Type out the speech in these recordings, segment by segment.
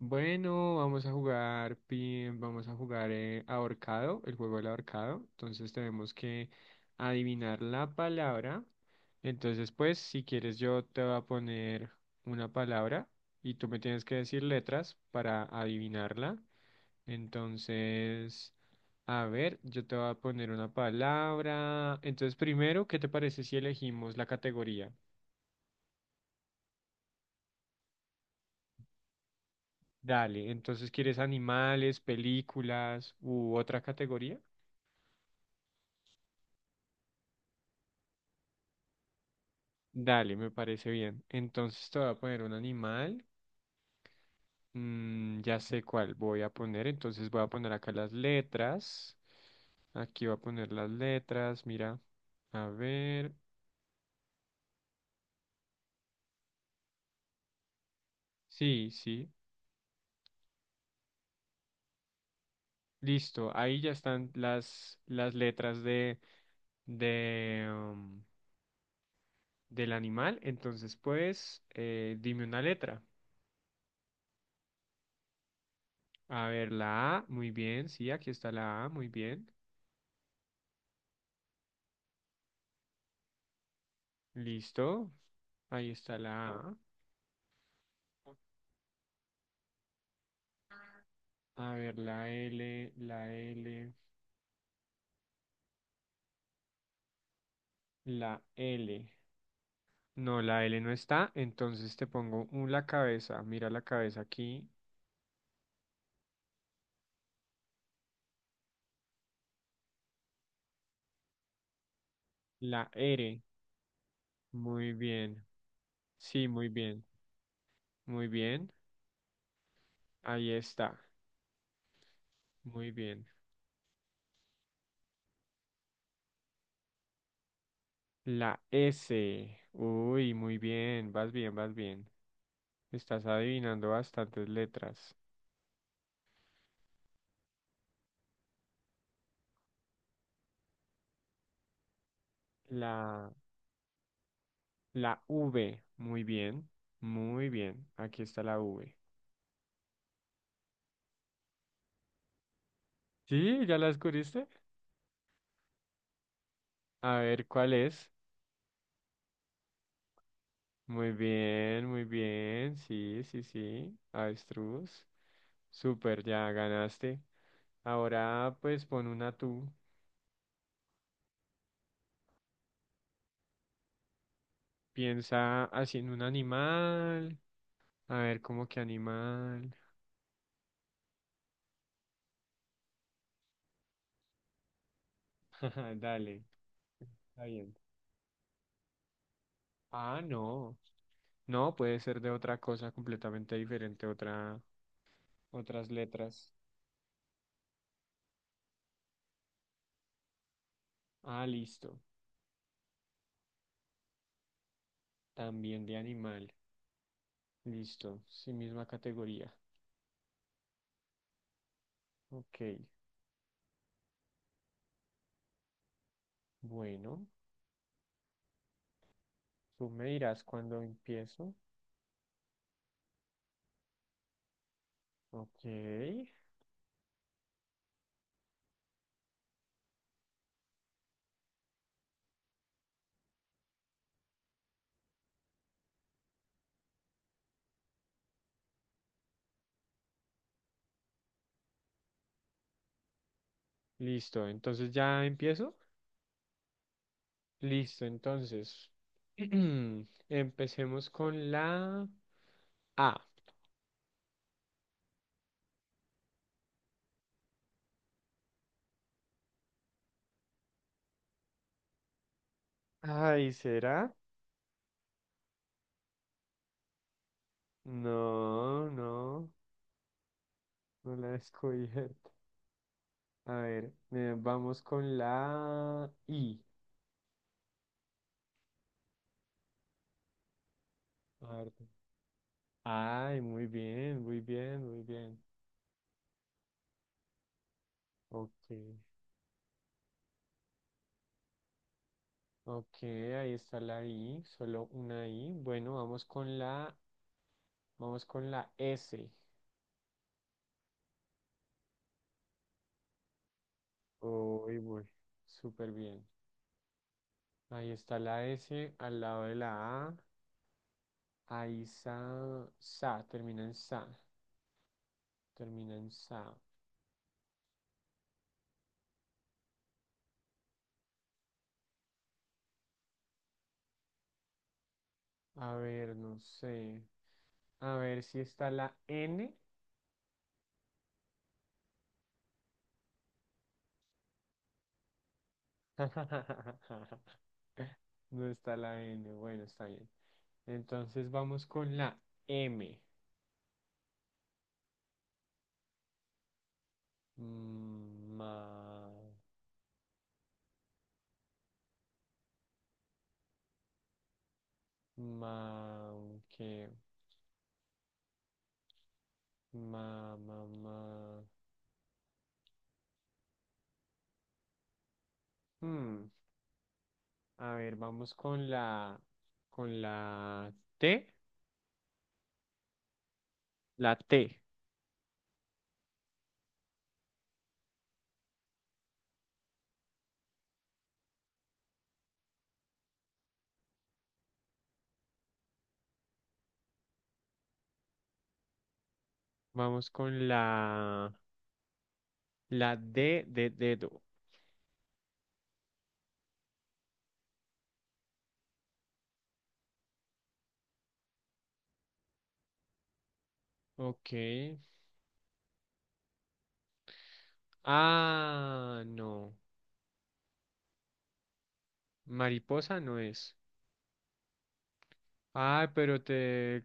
Bueno, vamos a jugar pin, vamos a jugar ahorcado, el juego del ahorcado. Entonces tenemos que adivinar la palabra. Entonces, pues, si quieres, yo te voy a poner una palabra y tú me tienes que decir letras para adivinarla. Entonces, a ver, yo te voy a poner una palabra. Entonces, primero, ¿qué te parece si elegimos la categoría? Dale, entonces, ¿quieres animales, películas u otra categoría? Dale, me parece bien. Entonces te voy a poner un animal. Mm, ya sé cuál voy a poner. Entonces voy a poner acá las letras. Aquí voy a poner las letras. Mira. A ver. Sí, sí. Listo. Ahí ya están las letras de, del animal. Entonces, pues, dime una letra. A ver, la A. Muy bien. Sí, aquí está la A. Muy bien. Listo. Ahí está la A. A ver, la L, la L. No, la L no está, entonces te pongo la cabeza. Mira la cabeza aquí. La R. Muy bien. Sí, muy bien. Muy bien. Ahí está. Muy bien. La S. Uy, muy bien. Vas bien, vas bien. Estás adivinando bastantes letras. La, la V. Muy bien. Muy bien. Aquí está la V. Sí, ¿ya la descubriste? A ver, ¿cuál es? Muy bien, muy bien. Sí, sí, sí. Avestruz. Súper, ya ganaste. Ahora pues pon una tú. Piensa así en un animal. A ver, ¿cómo que animal? Dale, está bien. Ah, no. No, puede ser de otra cosa completamente diferente, otra, otras letras. Ah, listo. También de animal. Listo. Sí, misma categoría. Ok. Bueno, tú me dirás cuando empiezo. Ok, listo, entonces ya empiezo. Listo, entonces empecemos con la A. Ay, ¿será? No, no, no la he descubierto. A ver, vamos con la I. A ver. Ay, muy bien, muy bien, muy bien. Ok, ok, ahí está la I, solo una I. Bueno, vamos con la S. Uy, voy súper bien. Ahí está la S al lado de la A. Ahí termina en sa, termina en sa. A ver, no sé. A ver si está la N. No está la N, bueno, está bien. Entonces vamos con la M. Mm, ma, qué ma. Hmm. A ver, con la T. Vamos con la D de dedo. Ok. Ah, no. Mariposa no es. Ah, pero te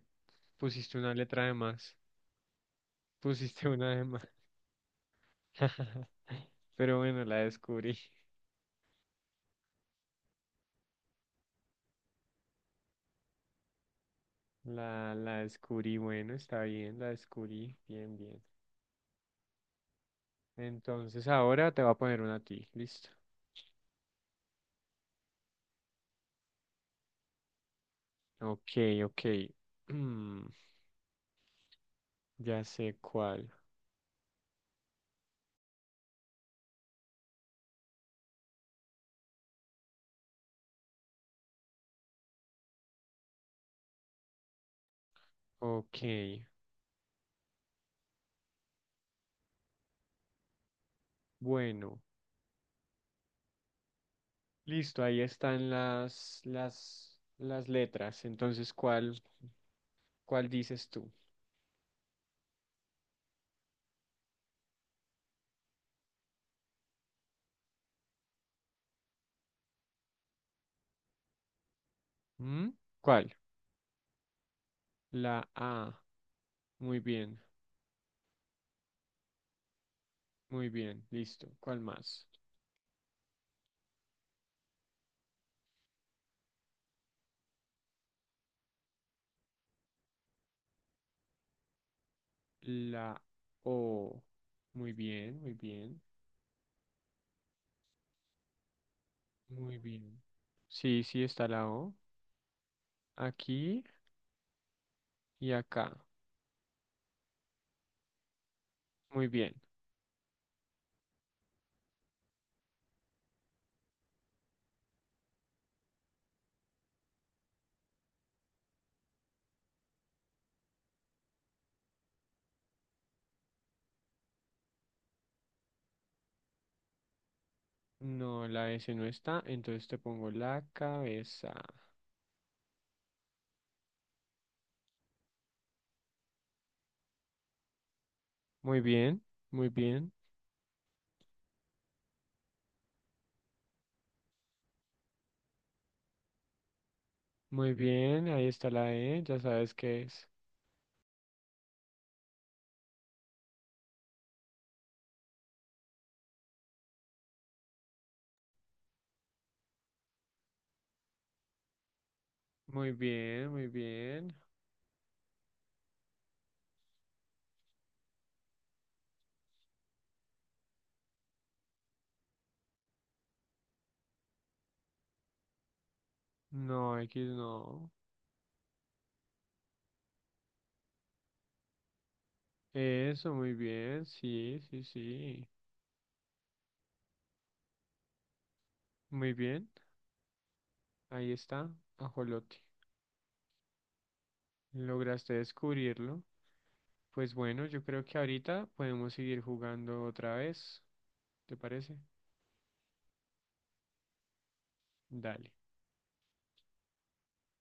pusiste una letra de más. Pusiste una de más. Pero bueno, la descubrí. La descubrí. Bueno, está bien, la descubrí. Bien, bien. Entonces ahora te voy a poner una a ti. Listo. Ok, ok. Ya sé cuál. Ok, bueno, listo, ahí están las letras. Entonces, ¿cuál dices tú? ¿Mm? ¿Cuál? La A. Muy bien, muy bien, listo. ¿Cuál más? La O. Muy bien, muy bien, muy bien. Sí, sí está la O. Aquí y acá. Muy bien. No, la S no está, entonces te pongo la cabeza. Muy bien, muy bien. Muy bien, ahí está la E, ya sabes qué es. Muy bien, muy bien. No, X no. Eso, muy bien, sí, sí, sí. Muy bien, ahí está, ajolote. ¿Lograste descubrirlo? Pues bueno, yo creo que ahorita podemos seguir jugando otra vez, ¿te parece? Dale.